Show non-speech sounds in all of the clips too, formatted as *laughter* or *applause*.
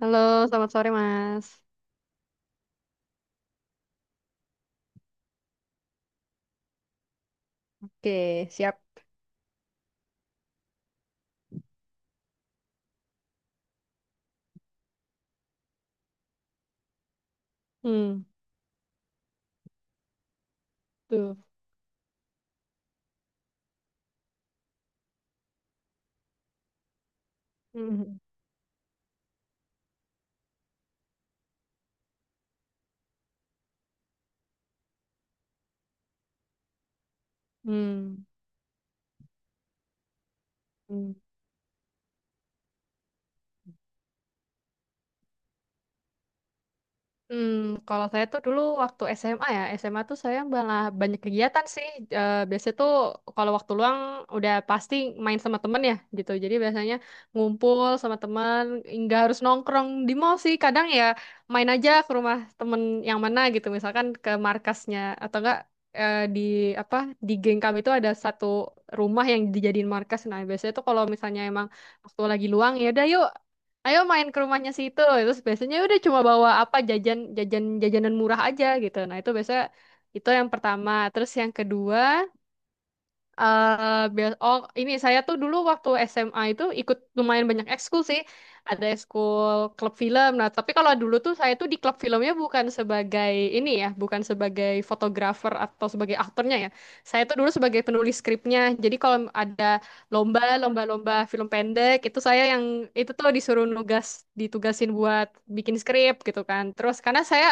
Halo, selamat sore Mas. Oke, siap. Hmm. Tuh. Mhm. Hmm. Hmm. Hmm, kalau saya tuh dulu waktu SMA ya, SMA tuh saya malah banyak kegiatan sih. Biasanya tuh kalau waktu luang udah pasti main sama temen ya gitu. Jadi biasanya ngumpul sama temen, nggak harus nongkrong di mall sih. Kadang ya main aja ke rumah temen yang mana gitu. Misalkan ke markasnya atau enggak, di apa, di geng kami itu ada satu rumah yang dijadiin markas. Nah biasanya tuh kalau misalnya emang waktu lagi luang ya udah, yuk ayo main ke rumahnya situ, terus biasanya udah cuma bawa apa, jajan jajan jajanan murah aja gitu. Nah itu biasanya itu yang pertama, terus yang kedua, Ini saya tuh dulu waktu SMA itu ikut lumayan banyak ekskul sih. Ada ekskul klub film. Nah, tapi kalau dulu tuh saya tuh di klub filmnya bukan sebagai ini ya, bukan sebagai fotografer atau sebagai aktornya ya. Saya tuh dulu sebagai penulis skripnya. Jadi kalau ada lomba, lomba-lomba film pendek itu saya yang itu tuh disuruh nugas, ditugasin buat bikin skrip gitu kan. Terus karena saya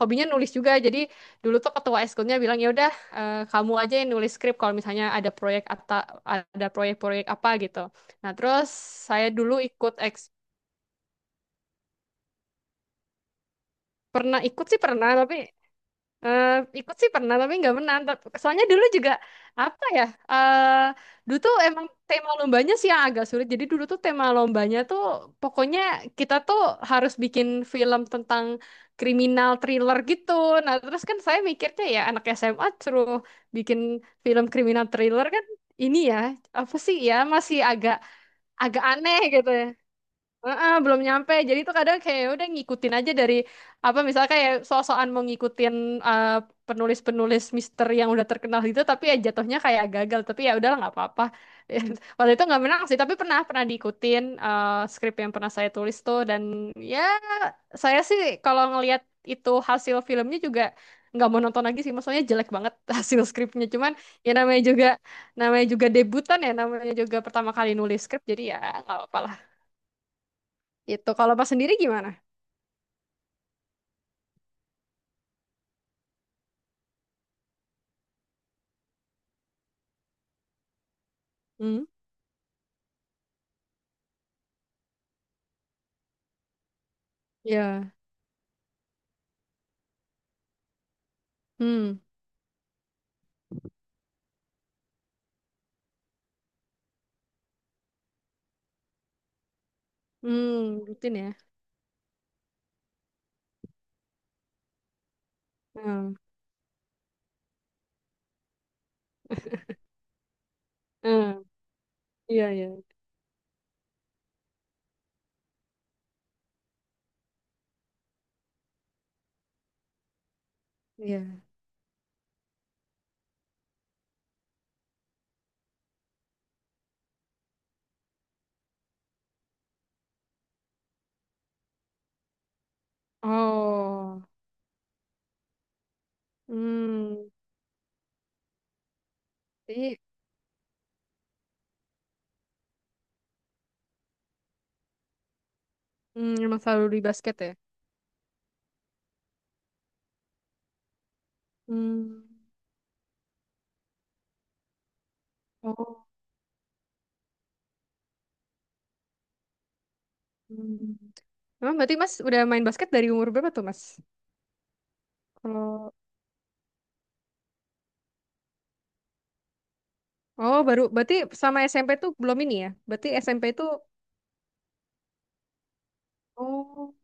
hobinya nulis juga, jadi dulu tuh ketua ekskulnya bilang ya udah, kamu aja yang nulis skrip kalau misalnya ada proyek atau ada proyek-proyek apa gitu. Nah, terus saya dulu ikut pernah ikut sih pernah tapi. Eh, ikut sih pernah tapi nggak menang. Soalnya dulu juga apa ya? eh Dulu tuh emang tema lombanya sih yang agak sulit. Jadi dulu tuh tema lombanya tuh pokoknya kita tuh harus bikin film tentang kriminal thriller gitu. Nah terus kan saya mikirnya ya anak SMA suruh bikin film kriminal thriller kan, ini ya apa sih ya, masih agak agak aneh gitu ya. Heeh, belum nyampe. Jadi itu kadang kayak ya udah ngikutin aja dari apa, misalnya kayak so-soan mau ngikutin eh, penulis-penulis misteri yang udah terkenal gitu tapi ya jatuhnya kayak gagal. Tapi ya udahlah, nggak apa-apa. *laughs* Waktu itu nggak menang sih, tapi pernah pernah diikutin, skrip yang pernah saya tulis tuh, dan ya saya sih kalau ngelihat itu hasil filmnya juga nggak mau nonton lagi sih. Maksudnya jelek banget *laughs* hasil skripnya. Cuman ya namanya juga debutan ya, namanya juga pertama kali nulis skrip jadi ya nggak apa-apa lah. Itu kalau pas sendiri gimana? Hmm. Ya. Hmm. Hmm. Rutin ya. Hmm. Hmm. Iya, iya, iya. Oh. hmm, jadi emang selalu di basket ya? Hmm. Oh. Hmm. Emang berarti Mas udah main basket dari umur berapa tuh Mas? Kalau, oh baru, berarti sama SMP tuh belum ini ya? Berarti SMP itu, oh,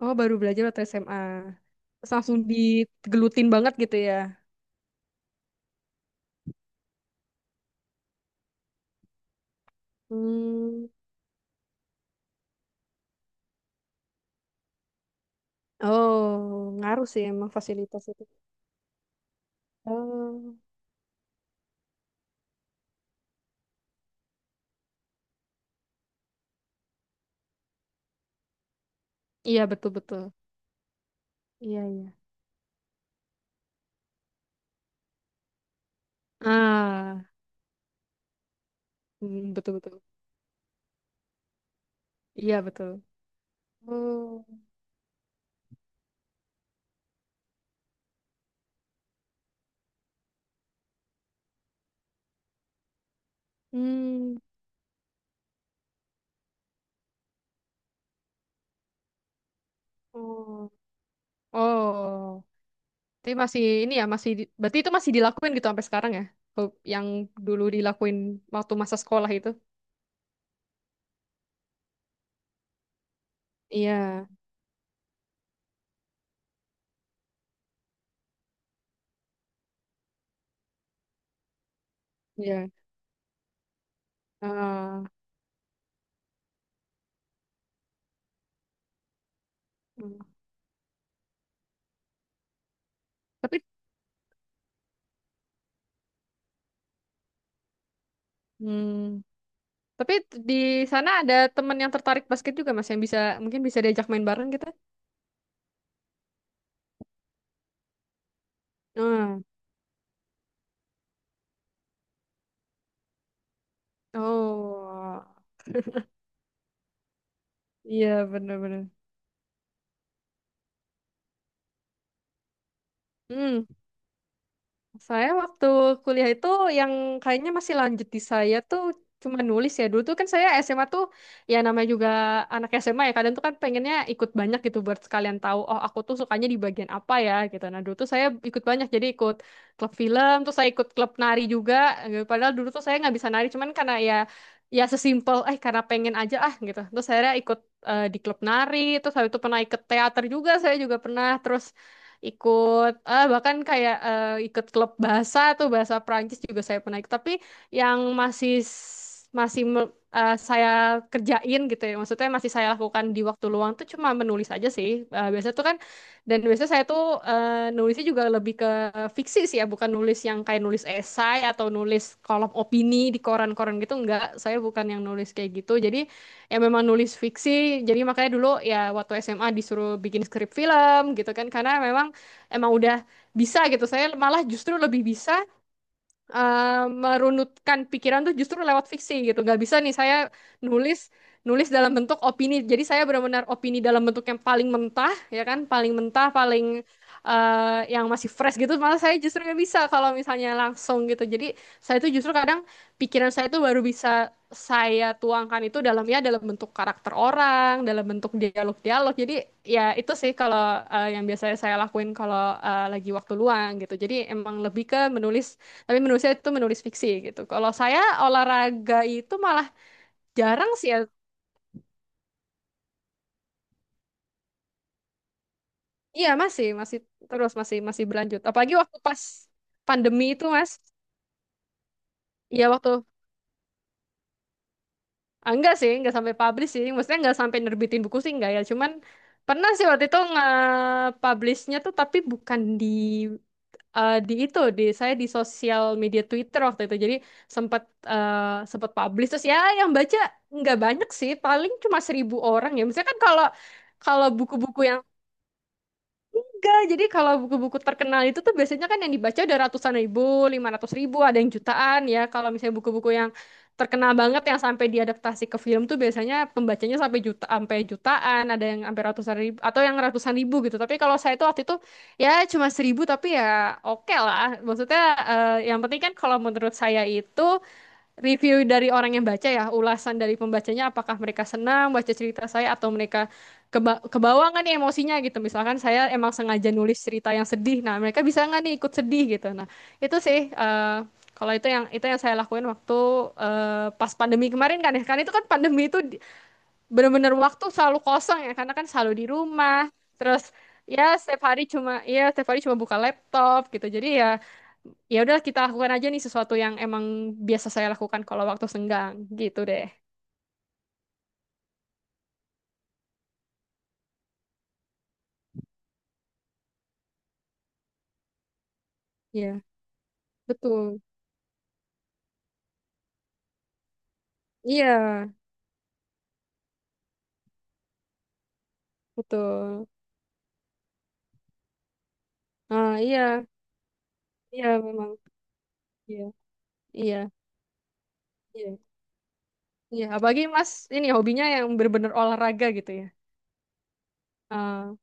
oh baru belajar atau SMA? Terus langsung digelutin banget gitu ya? Hmm. Oh, ngaruh sih emang fasilitas itu. Oh, iya betul-betul. Iya, iya. Ah, mm, betul-betul. Iya, betul. Oh. Hmm. Oh. Oh. Tapi masih ini ya, masih berarti itu masih dilakuin gitu sampai sekarang ya? Yang dulu dilakuin waktu masa sekolah itu. Iya, iya. Ah. Hmm. Tapi hmm, tapi di sana ada teman yang tertarik basket juga Mas yang bisa, mungkin bisa diajak main bareng gitu. Ah. Oh. Iya, bener-bener. Hmm, saya waktu kuliah itu yang kayaknya masih lanjut di saya tuh cuma nulis ya. Dulu tuh kan saya SMA tuh ya namanya juga anak SMA ya. Kadang tuh kan pengennya ikut banyak gitu buat sekalian tahu, oh aku tuh sukanya di bagian apa ya gitu. Nah, dulu tuh saya ikut banyak, jadi ikut klub film, terus saya ikut klub nari juga. Padahal dulu tuh saya nggak bisa nari, cuman karena ya sesimpel, karena pengen aja ah gitu. Terus saya ikut, di klub nari, terus habis itu pernah ikut teater juga, saya juga pernah, terus ikut bahkan kayak, ikut klub bahasa tuh bahasa Perancis juga saya pernah ikut, tapi yang masih masih saya kerjain gitu ya, maksudnya masih saya lakukan di waktu luang tuh cuma menulis aja sih. Biasanya tuh kan, dan biasanya saya tuh, nulisnya juga lebih ke fiksi sih ya, bukan nulis yang kayak nulis esai atau nulis kolom opini di koran-koran gitu, enggak, saya bukan yang nulis kayak gitu, jadi ya memang nulis fiksi. Jadi makanya dulu ya waktu SMA disuruh bikin skrip film gitu kan karena memang emang udah bisa gitu. Saya malah justru lebih bisa merunutkan pikiran tuh justru lewat fiksi gitu. Nggak bisa nih saya nulis nulis dalam bentuk opini. Jadi saya benar-benar opini dalam bentuk yang paling mentah, ya kan, paling mentah, paling yang masih fresh gitu. Malah saya justru nggak bisa kalau misalnya langsung gitu. Jadi saya tuh justru kadang, pikiran saya tuh baru bisa saya tuangkan itu dalam, dalam bentuk karakter orang, dalam bentuk dialog-dialog. Jadi ya itu sih kalau yang biasanya saya lakuin kalau lagi waktu luang gitu. Jadi emang lebih ke menulis, tapi menulisnya itu menulis fiksi gitu. Kalau saya olahraga itu malah jarang sih ya. Iya masih terus, masih masih berlanjut. Apalagi waktu pas pandemi itu mas. Iya, enggak sih, enggak sampai publish sih. Maksudnya enggak sampai nerbitin buku sih enggak ya. Cuman pernah sih waktu itu nge-publishnya tuh, tapi bukan di di itu di saya, di sosial media Twitter waktu itu. Jadi sempat eh, sempat publish, terus ya yang baca nggak banyak sih paling cuma 1.000 orang ya, misalnya kan, kalau kalau buku-buku yang. Enggak, jadi kalau buku-buku terkenal itu tuh biasanya kan yang dibaca udah ratusan ribu, 500.000, ada yang jutaan ya. Kalau misalnya buku-buku yang terkenal banget yang sampai diadaptasi ke film tuh biasanya pembacanya sampai juta, sampai jutaan, ada yang sampai ratusan ribu atau yang ratusan ribu gitu. Tapi kalau saya itu waktu itu ya cuma 1.000, tapi ya oke lah. Maksudnya yang penting kan kalau menurut saya itu review dari orang yang baca ya, ulasan dari pembacanya apakah mereka senang baca cerita saya atau mereka kebawa nggak nih emosinya gitu. Misalkan saya emang sengaja nulis cerita yang sedih, nah mereka bisa nggak nih ikut sedih gitu. Nah itu sih, kalau itu yang saya lakuin waktu pas pandemi kemarin kan ya. Kan itu kan pandemi itu bener-bener waktu selalu kosong ya karena kan selalu di rumah terus. Ya setiap hari cuma buka laptop gitu, jadi ya udah, kita lakukan aja nih sesuatu yang emang biasa saya lakukan kalau waktu senggang gitu deh. Iya, betul. Iya, betul. Ah, iya, iya memang. Iya, iya, iya. Iya, apalagi Mas ini hobinya yang bener-bener olahraga gitu ya. Ah,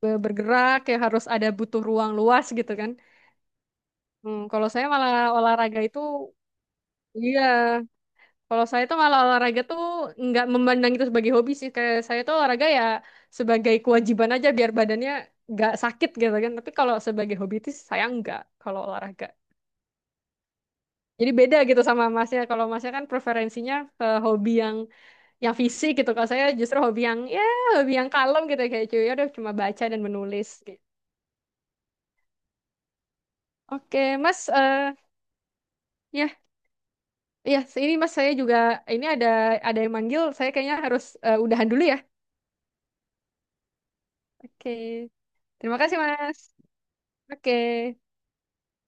bergerak ya, harus ada, butuh ruang luas gitu kan. Hmm, kalau saya malah olahraga itu. Iya, kalau saya tuh malah olahraga tuh nggak memandang itu sebagai hobi sih. Kayak saya tuh olahraga ya sebagai kewajiban aja biar badannya nggak sakit gitu kan. Tapi kalau sebagai hobi itu saya nggak kalau olahraga. Jadi beda gitu sama masnya. Kalau masnya kan preferensinya ke hobi yang fisik gitu. Kalau saya justru hobi yang ya hobi yang kalem gitu, kayak cuy. Ya udah, cuma baca dan menulis gitu. Oke, Mas. Ya, ya. Ini Mas, saya juga ini ada yang manggil. Saya kayaknya harus, udahan dulu ya. Oke. Terima kasih, Mas. Oke.